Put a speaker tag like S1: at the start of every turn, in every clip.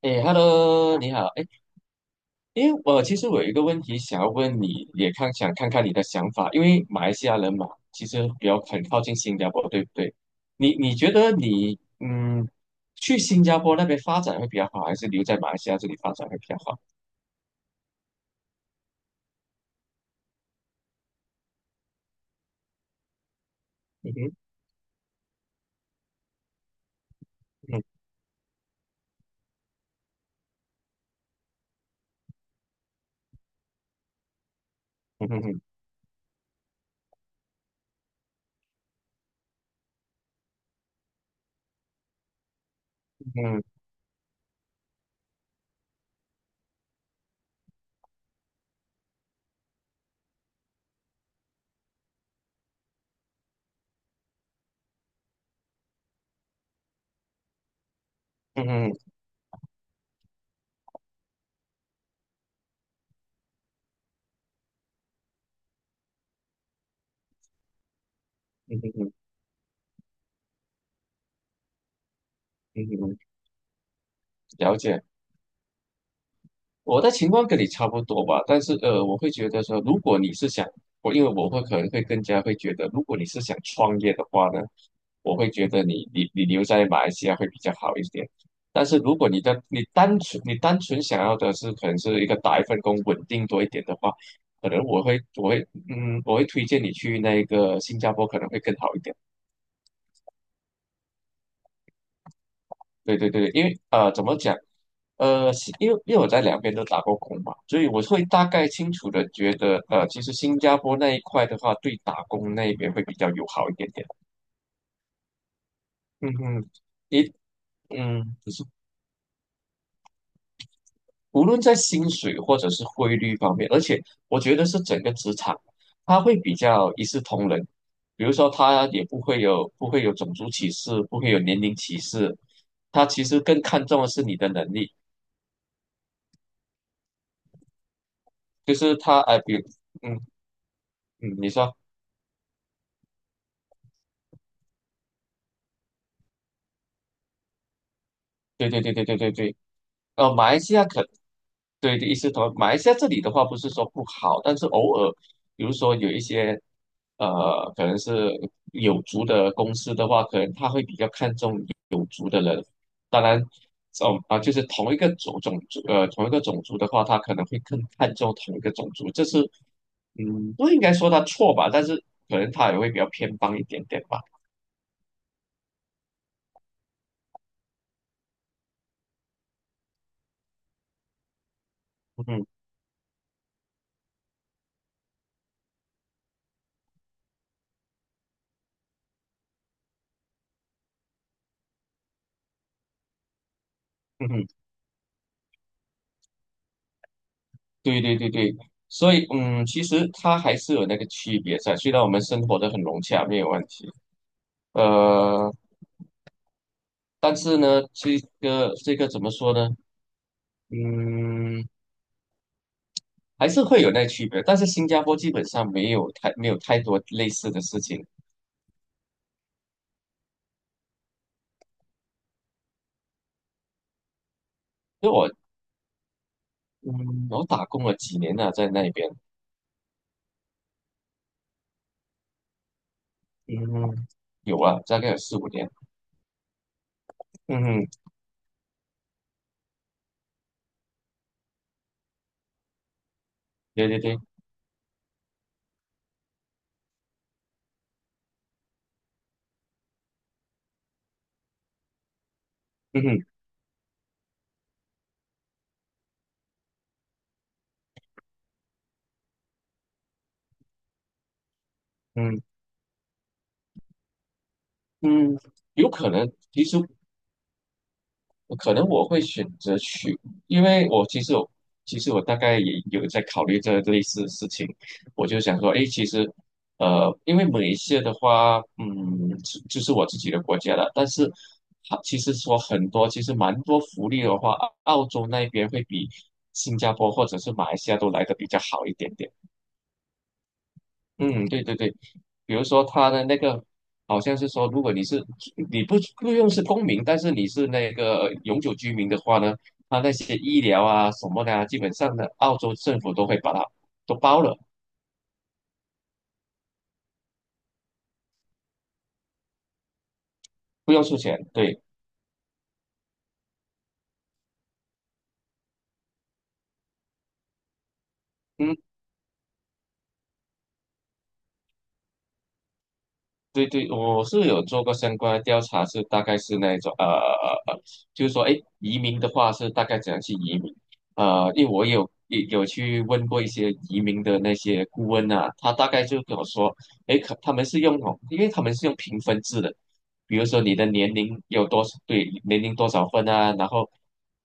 S1: 哎，Hello，你好。哎，因为其实我有一个问题想要问你，也想看看你的想法，因为马来西亚人嘛，其实比较很靠近新加坡，对不对？你觉得去新加坡那边发展会比较好，还是留在马来西亚这里发展会比较好？嗯哼，嗯嗯嗯嗯嗯嗯嗯嗯嗯嗯，了解。我的情况跟你差不多吧，但是我会觉得说，如果你是想我，因为我会可能会更加会觉得，如果你是想创业的话呢，我会觉得你留在马来西亚会比较好一点。但是如果你的你单纯你单纯想要的是可能是一个打一份工稳定多一点的话，可能我会推荐你去那个新加坡可能会更好一点。对对对，因为怎么讲？是因为我在两边都打过工嘛，所以我会大概清楚的觉得，其实新加坡那一块的话，对打工那一边会比较友好一点点。嗯哼，一就是无论在薪水或者是汇率方面，而且我觉得是整个职场，它会比较一视同仁。比如说，他也不会有种族歧视，不会有年龄歧视，他其实更看重的是你的能力，就是他，哎，比如嗯嗯，你说。对对对对对对对，马来西亚可对的意思同马来西亚这里的话不是说不好，但是偶尔，比如说有一些可能是有族的公司的话，可能他会比较看重，当然就是同一个种族同一个种族的话，他可能会更看重同一个种族，这是不应该说他错吧，但是可能他也会比较偏帮一点点吧，嗯哼嗯哼。对对对对，所以其实它还是有那个区别在。虽然我们生活的很融洽，没有问题，呃，但是呢，这个怎么说呢？嗯，还是会有那区别。但是新加坡基本上没有太多类似的事情。因为我打工了几年了，在那边，嗯，有啊，大概有4、5年。嗯哼，对对对，嗯哼，嗯嗯，有可能。其实我可能会选择去，因为我其实我其实我大概也有在考虑这类似的事情，我就想说，哎，其实，因为马来西亚的话，就是我自己的国家了，但是它其实说很多，其实蛮多福利的话，澳洲那边会比新加坡或者是马来西亚都来的比较好一点点。嗯，对对对，比如说他的那个，好像是说，如果你不用是公民，但是你是那个永久居民的话呢，他那些医疗啊什么的啊，基本上呢，澳洲政府都会把它都包了，不用出钱。对，嗯。对对，我是有做过相关的调查，是大概是那一种就是说，哎，移民的话是大概怎样去移民？因为我有去问过一些移民的那些顾问啊，他大概就跟我说，哎，可他们是用那种因为他们是用评分制的，比如说你的年龄有多少，对，年龄多少分啊，然后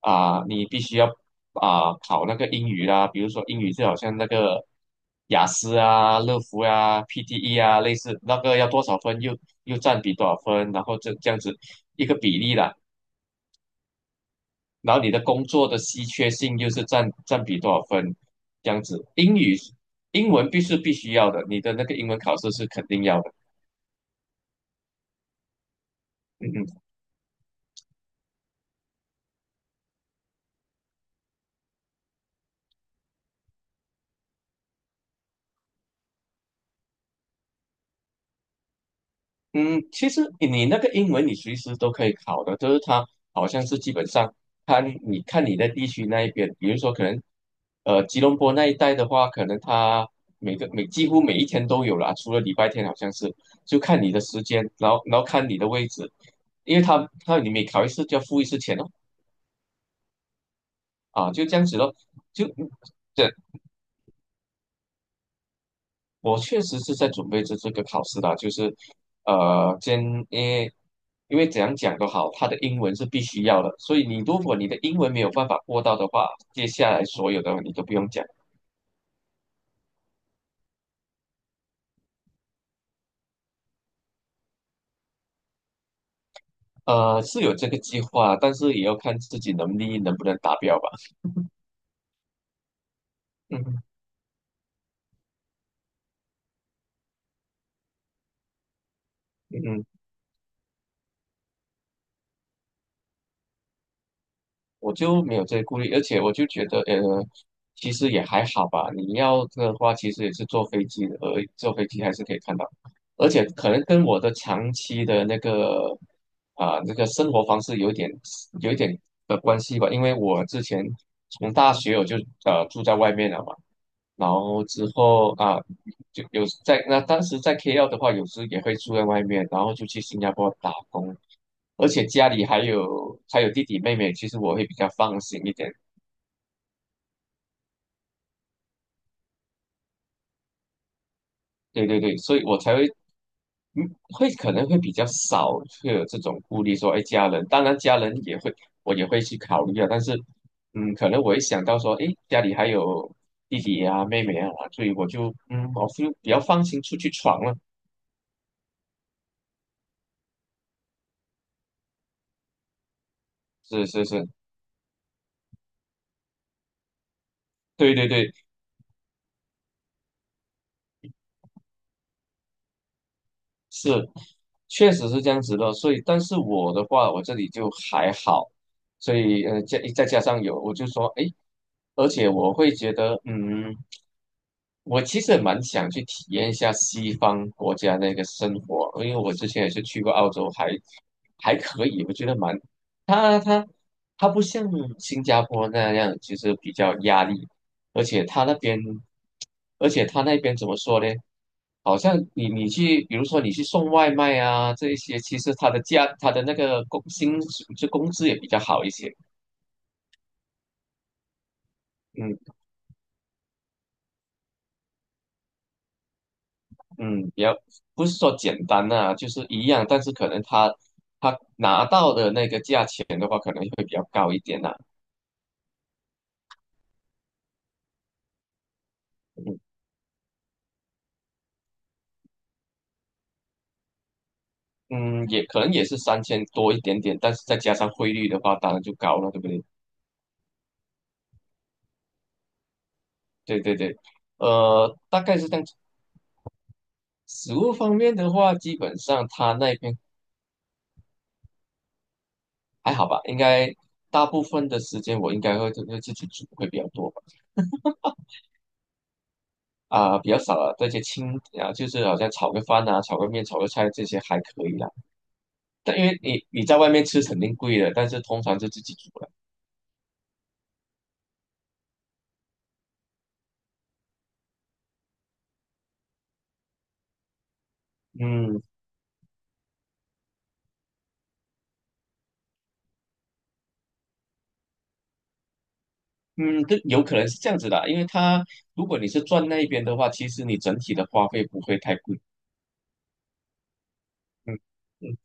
S1: 啊、你必须要啊、考那个英语啦，比如说英语就好像那个雅思啊、乐福啊、PTE 啊，类似那个要多少分又占比多少分，然后这样子一个比例啦。然后你的工作的稀缺性又是占比多少分，这样子。英文必须要的，你的那个英文考试是肯定要的。嗯嗯。嗯，其实你那个英文你随时都可以考的，就是它好像是基本上看你在地区那一边，比如说可能吉隆坡那一带的话，可能它每个每几乎每一天都有啦，除了礼拜天好像是，就看你的时间，然后看你的位置，因为你每考一次就要付一次钱哦，啊就这样子咯，就对。我确实是在准备这个考试啦，就是，先因为因为怎样讲都好，他的英文是必须要的，所以如果你的英文没有办法过到的话，接下来所有的你都不用讲。是有这个计划，但是也要看自己能力能不能达标吧。嗯嗯。我就没有这些顾虑，而且我就觉得，其实也还好吧。你要的话，其实也是坐飞机的，而坐飞机还是可以看到，而且可能跟我的长期的那个生活方式有一点的关系吧。因为我之前从大学我就住在外面了嘛，然后之后啊就有在那当时在 KL 的话，有时也会住在外面，然后就去新加坡打工。而且家里还有弟弟妹妹，其实我会比较放心一点。对对对，所以我才会嗯，会可能会比较少会有这种顾虑说，哎，家人，当然家人也会，我也会去考虑啊。但是，可能我一想到说，哎，家里还有弟弟啊、妹妹啊，所以我就比较放心出去闯了。是是是，对对对，是，确实是这样子的，所以，但是我的话，我这里就还好，所以，再加上有，我就说，诶，而且我会觉得，嗯。我其实也蛮想去体验一下西方国家那个生活，因为我之前也是去过澳洲，还可以，我觉得蛮，它它它不像新加坡那样，其实比较压力，而且它那边，而且它那边怎么说呢？好像你去，比如说你去送外卖啊这一些，其实它的价，它的那个工薪水就工资也比较好一些，嗯。嗯，比较不是说简单呐、就是一样，但是可能他拿到的那个价钱的话，可能会比较高一点呐、嗯嗯，也可能也是3000多一点点，但是再加上汇率的话，当然就高了，对不对？对对对，大概是这样子。食物方面的话，基本上他那边还好吧，应该大部分的时间我应该会自己煮会比较多吧，啊、比较少了这些轻啊，就是好像炒个饭啊、炒个面、炒个菜这些还可以啦。但因为你在外面吃肯定贵的，但是通常是自己煮了。嗯嗯，这有可能是这样子的啊因为它如果你是转那一边的话，其实你整体的花费不会太贵。嗯嗯，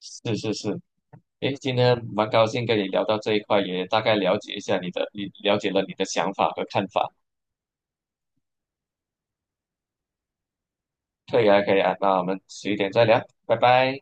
S1: 是是是。诶，今天蛮高兴跟你聊到这一块，也大概了解一下你的，你了解了你的想法和看法。可以啊，可以啊，那我们迟一点再聊，拜拜。